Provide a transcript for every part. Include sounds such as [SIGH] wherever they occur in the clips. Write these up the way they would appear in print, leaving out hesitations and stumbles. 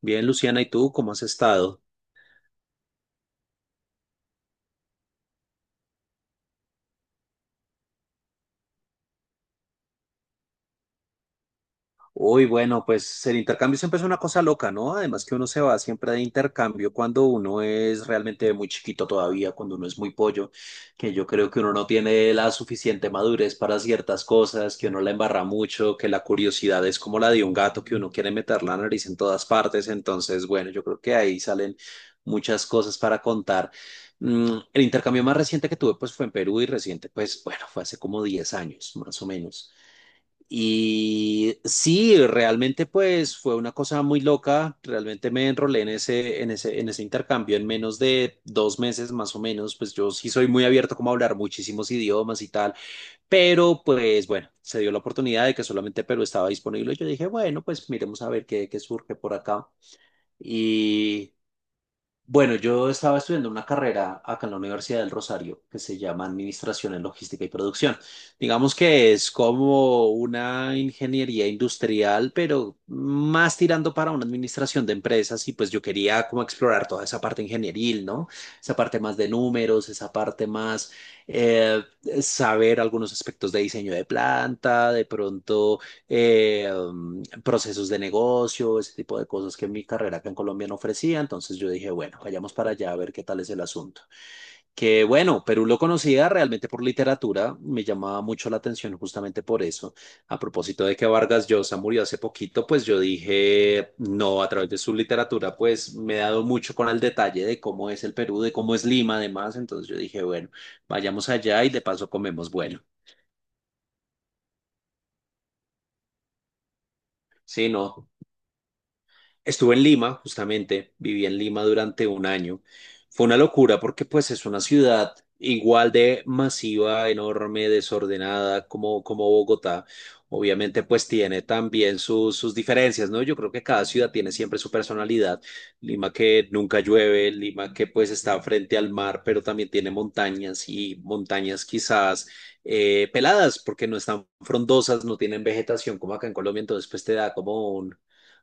Bien, Luciana, ¿y tú cómo has estado? Uy, bueno, pues el intercambio siempre es una cosa loca, ¿no? Además que uno se va siempre de intercambio cuando uno es realmente muy chiquito todavía, cuando uno es muy pollo, que yo creo que uno no tiene la suficiente madurez para ciertas cosas, que uno la embarra mucho, que la curiosidad es como la de un gato, que uno quiere meter la nariz en todas partes. Entonces, bueno, yo creo que ahí salen muchas cosas para contar. El intercambio más reciente que tuve, pues fue en Perú y reciente, pues bueno, fue hace como 10 años, más o menos. Y sí, realmente pues fue una cosa muy loca, realmente me enrolé en ese intercambio en menos de 2 meses más o menos, pues yo sí soy muy abierto como a hablar muchísimos idiomas y tal, pero pues bueno, se dio la oportunidad de que solamente Perú estaba disponible, yo dije, bueno, pues miremos a ver qué surge por acá. Y bueno, yo estaba estudiando una carrera acá en la Universidad del Rosario que se llama Administración en Logística y Producción. Digamos que es como una ingeniería industrial, pero más tirando para una administración de empresas y pues yo quería como explorar toda esa parte ingenieril, ¿no? Esa parte más de números, esa parte más eh, saber algunos aspectos de diseño de planta, de pronto procesos de negocio, ese tipo de cosas que mi carrera acá en Colombia no ofrecía. Entonces yo dije, bueno, vayamos para allá a ver qué tal es el asunto. Que bueno, Perú lo conocía realmente por literatura, me llamaba mucho la atención justamente por eso. A propósito de que Vargas Llosa murió hace poquito, pues yo dije, no, a través de su literatura, pues me he dado mucho con el detalle de cómo es el Perú, de cómo es Lima, además. Entonces yo dije, bueno, vayamos allá y de paso comemos bueno. Sí, no. Estuve en Lima, justamente, viví en Lima durante un año. Fue una locura porque pues es una ciudad igual de masiva, enorme, desordenada como Bogotá. Obviamente pues tiene también sus diferencias, ¿no? Yo creo que cada ciudad tiene siempre su personalidad. Lima que nunca llueve, Lima que pues está frente al mar, pero también tiene montañas y montañas quizás peladas porque no están frondosas, no tienen vegetación como acá en Colombia, entonces pues te da como un.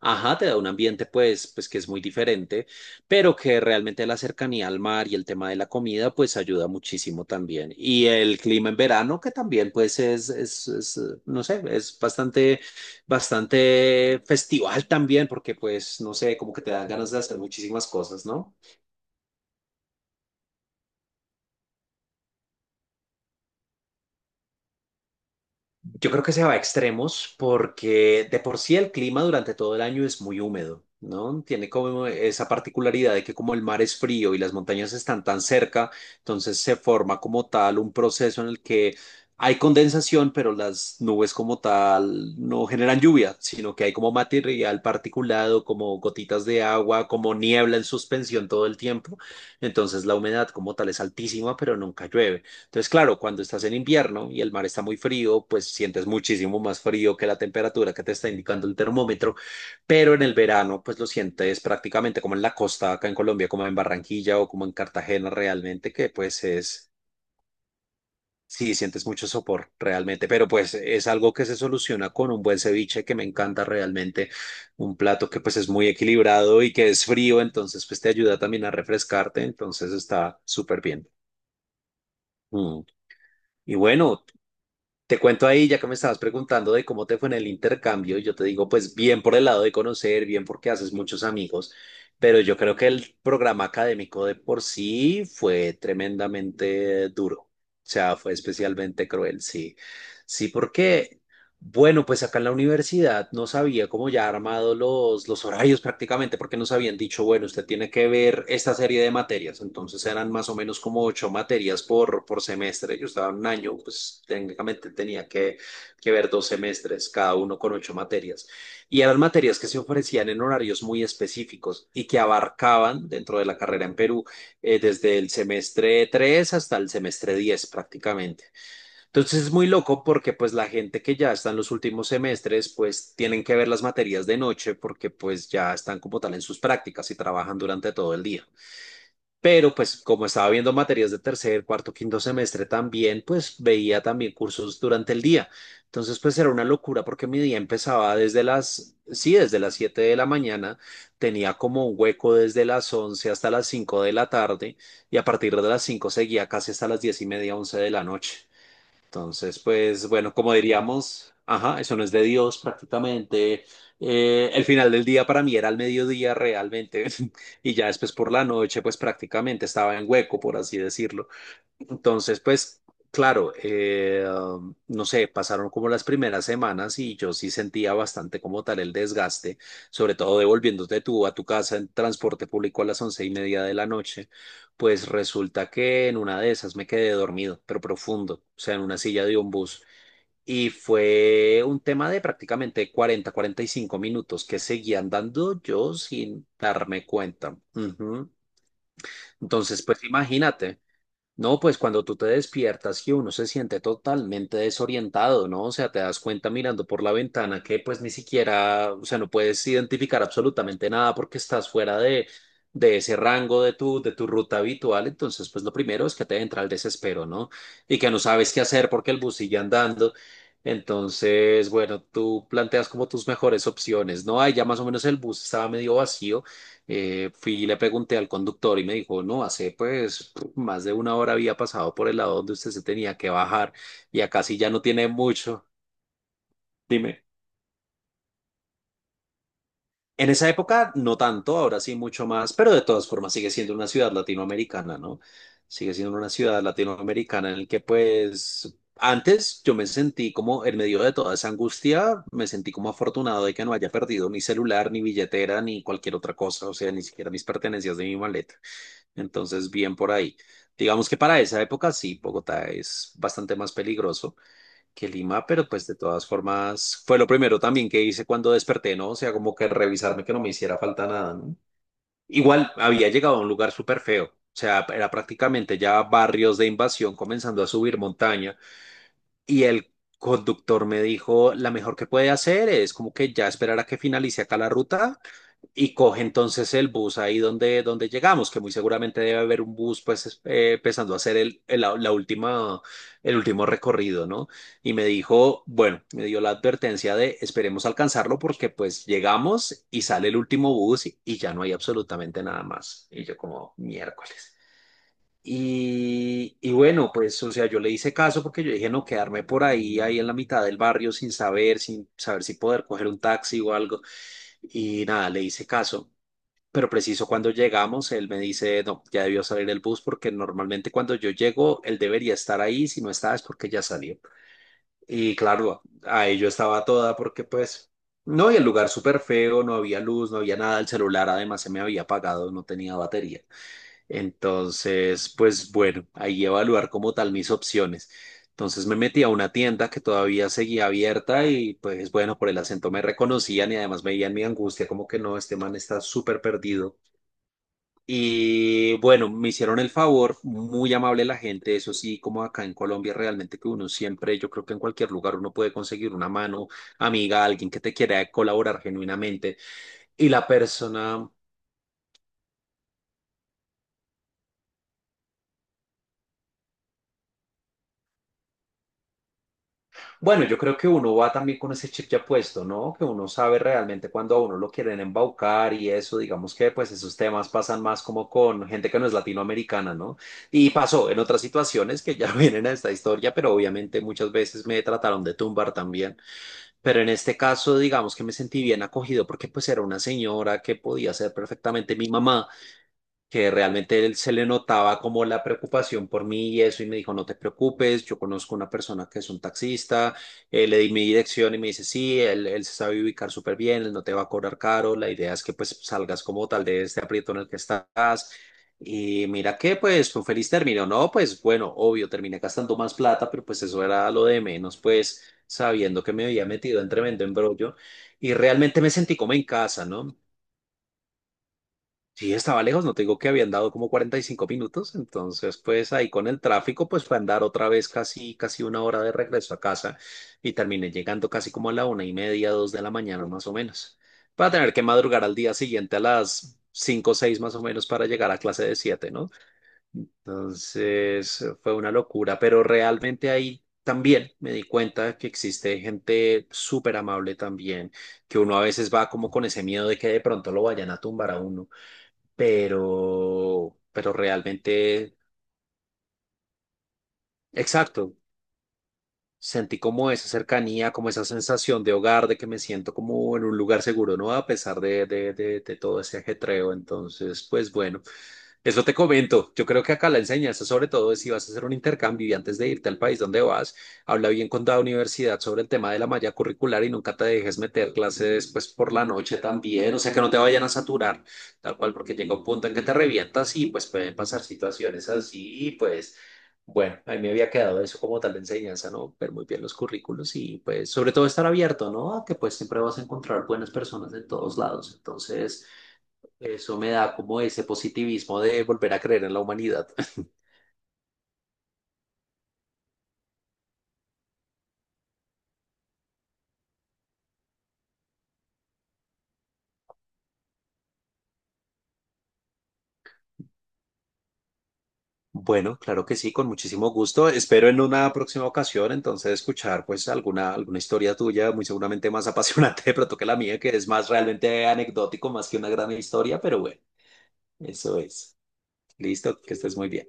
Ajá, te da un ambiente pues que es muy diferente, pero que realmente la cercanía al mar y el tema de la comida pues ayuda muchísimo también. Y el clima en verano que también pues es, no sé, es bastante, bastante festival también porque pues, no sé, como que te dan ganas de hacer muchísimas cosas, ¿no? Yo creo que se va a extremos porque de por sí el clima durante todo el año es muy húmedo, ¿no? Tiene como esa particularidad de que como el mar es frío y las montañas están tan cerca, entonces se forma como tal un proceso en el que hay condensación, pero las nubes como tal no generan lluvia, sino que hay como material particulado, como gotitas de agua, como niebla en suspensión todo el tiempo. Entonces la humedad como tal es altísima, pero nunca llueve. Entonces, claro, cuando estás en invierno y el mar está muy frío, pues sientes muchísimo más frío que la temperatura que te está indicando el termómetro, pero en el verano, pues lo sientes prácticamente como en la costa acá en Colombia, como en Barranquilla o como en Cartagena realmente, que pues es, sí, sientes mucho sopor realmente, pero pues es algo que se soluciona con un buen ceviche que me encanta realmente, un plato que pues es muy equilibrado y que es frío, entonces pues te ayuda también a refrescarte, entonces está súper bien. Mm. Y bueno, te cuento ahí, ya que me estabas preguntando de cómo te fue en el intercambio, yo te digo, pues bien por el lado de conocer, bien porque haces muchos amigos, pero yo creo que el programa académico de por sí fue tremendamente duro, o sea, fue especialmente cruel, sí, sí, porque bueno, pues acá en la universidad nos había como ya armado los horarios prácticamente, porque nos habían dicho, bueno, usted tiene que ver esta serie de materias, entonces eran más o menos como ocho materias por semestre, yo estaba en un año, pues técnicamente tenía que ver dos semestres, cada uno con ocho materias, y eran materias que se ofrecían en horarios muy específicos y que abarcaban dentro de la carrera en Perú desde el semestre 3 hasta el semestre 10 prácticamente. Entonces es muy loco porque pues la gente que ya está en los últimos semestres pues tienen que ver las materias de noche porque pues ya están como tal en sus prácticas y trabajan durante todo el día. Pero pues como estaba viendo materias de tercer, cuarto, quinto semestre también pues veía también cursos durante el día. Entonces pues era una locura porque mi día empezaba desde las, sí, desde las 7 de la mañana, tenía como un hueco desde las 11 hasta las 5 de la tarde y a partir de las 5 seguía casi hasta las 10 y media, 11 de la noche. Entonces, pues bueno, como diríamos, ajá, eso no es de Dios prácticamente. El final del día para mí era al mediodía realmente [LAUGHS] y ya después por la noche, pues prácticamente estaba en hueco, por así decirlo. Entonces, pues, claro, no sé, pasaron como las primeras semanas y yo sí sentía bastante como tal el desgaste, sobre todo devolviéndote tú a tu casa en transporte público a las 11 y media de la noche, pues resulta que en una de esas me quedé dormido, pero profundo, o sea, en una silla de un bus. Y fue un tema de prácticamente 40, 45 minutos que seguía andando yo sin darme cuenta. Ujú. Entonces, pues imagínate. No, pues cuando tú te despiertas que uno se siente totalmente desorientado, ¿no? O sea, te das cuenta mirando por la ventana que pues ni siquiera, o sea, no puedes identificar absolutamente nada porque estás fuera de ese rango de tu ruta habitual. Entonces, pues lo primero es que te entra el desespero, ¿no? Y que no sabes qué hacer porque el bus sigue andando. Entonces, bueno, tú planteas como tus mejores opciones, ¿no? Ahí ya más o menos el bus estaba medio vacío. Fui y le pregunté al conductor y me dijo, no, hace pues más de una hora había pasado por el lado donde usted se tenía que bajar y acá sí ya no tiene mucho. Dime. En esa época no tanto, ahora sí mucho más, pero de todas formas sigue siendo una ciudad latinoamericana, ¿no? Sigue siendo una ciudad latinoamericana en el que pues antes yo me sentí como en medio de toda esa angustia, me sentí como afortunado de que no haya perdido mi celular, ni billetera, ni cualquier otra cosa, o sea, ni siquiera mis pertenencias de mi maleta. Entonces, bien por ahí. Digamos que para esa época sí, Bogotá es bastante más peligroso que Lima, pero pues de todas formas fue lo primero también que hice cuando desperté, ¿no? O sea, como que revisarme que no me hiciera falta nada, ¿no? Igual había llegado a un lugar súper feo, o sea, era prácticamente ya barrios de invasión comenzando a subir montaña y el conductor me dijo, la mejor que puede hacer es como que ya esperar a que finalice acá la ruta y coge entonces el bus ahí donde llegamos, que muy seguramente debe haber un bus pues empezando a hacer el último recorrido, ¿no? Y me dijo, bueno, me dio la advertencia de esperemos alcanzarlo porque pues llegamos y sale el último bus y ya no hay absolutamente nada más. Y yo como miércoles. Y bueno, pues, o sea, yo le hice caso porque yo dije, no, quedarme por ahí, en la mitad del barrio sin saber, sin saber si poder coger un taxi o algo. Y nada, le hice caso. Pero preciso cuando llegamos, él me dice, no, ya debió salir el bus porque normalmente cuando yo llego, él debería estar ahí, si no está es porque ya salió. Y claro, ahí yo estaba toda porque pues, no, y el lugar súper feo, no había luz, no había nada, el celular además se me había apagado, no tenía batería. Entonces, pues bueno, ahí evaluar como tal mis opciones. Entonces me metí a una tienda que todavía seguía abierta y pues bueno, por el acento me reconocían y además me veían mi angustia como que no, este man está súper perdido y bueno, me hicieron el favor, muy amable la gente, eso sí, como acá en Colombia realmente que uno siempre, yo creo que en cualquier lugar uno puede conseguir una mano amiga, alguien que te quiera colaborar genuinamente. Y la persona, bueno, yo creo que uno va también con ese chip ya puesto, ¿no? Que uno sabe realmente cuando a uno lo quieren embaucar y eso, digamos que pues esos temas pasan más como con gente que no es latinoamericana, ¿no? Y pasó en otras situaciones que ya [LAUGHS] vienen a esta historia, pero obviamente muchas veces me trataron de tumbar también. Pero en este caso, digamos que me sentí bien acogido porque pues era una señora que podía ser perfectamente mi mamá, que realmente él se le notaba como la preocupación por mí y eso, y me dijo, no te preocupes, yo conozco una persona que es un taxista, le di mi dirección y me dice, sí, él se sabe ubicar súper bien, él no te va a cobrar caro, la idea es que pues salgas como tal de este aprieto en el que estás. Y mira que pues fue un feliz término, ¿no? Pues bueno, obvio, terminé gastando más plata, pero pues eso era lo de menos, pues sabiendo que me había metido en tremendo embrollo y realmente me sentí como en casa, ¿no? Sí, estaba lejos, no te digo que habían dado como 45 minutos, entonces pues ahí con el tráfico pues fue andar otra vez casi, casi una hora de regreso a casa y terminé llegando casi como a la 1:30, 2 de la mañana más o menos, para tener que madrugar al día siguiente a las 5 o 6 más o menos para llegar a clase de 7, ¿no? Entonces fue una locura, pero realmente ahí también me di cuenta que existe gente súper amable también, que uno a veces va como con ese miedo de que de pronto lo vayan a tumbar a uno, pero realmente, exacto, sentí como esa cercanía, como esa sensación de hogar, de que me siento como en un lugar seguro, ¿no? A pesar de, todo ese ajetreo. Entonces, pues bueno, eso te comento. Yo creo que acá la enseñanza, sobre todo, es si vas a hacer un intercambio y antes de irte al país donde vas, habla bien con la universidad sobre el tema de la malla curricular y nunca te dejes meter clases pues, por la noche también. O sea, que no te vayan a saturar, tal cual, porque llega un punto en que te revientas y pues pueden pasar situaciones así. Y pues, bueno, a mí me había quedado eso como tal de enseñanza, ¿no? Ver muy bien los currículos y pues, sobre todo, estar abierto, ¿no? A que pues siempre vas a encontrar buenas personas de todos lados. Entonces. Eso me da como ese positivismo de volver a creer en la humanidad. [LAUGHS] Bueno, claro que sí, con muchísimo gusto. Espero en una próxima ocasión entonces escuchar pues alguna historia tuya, muy seguramente más [LAUGHS] apasionante de pronto que la mía, que es más realmente anecdótico, más que una gran historia, pero bueno, eso es. Listo, que estés muy bien.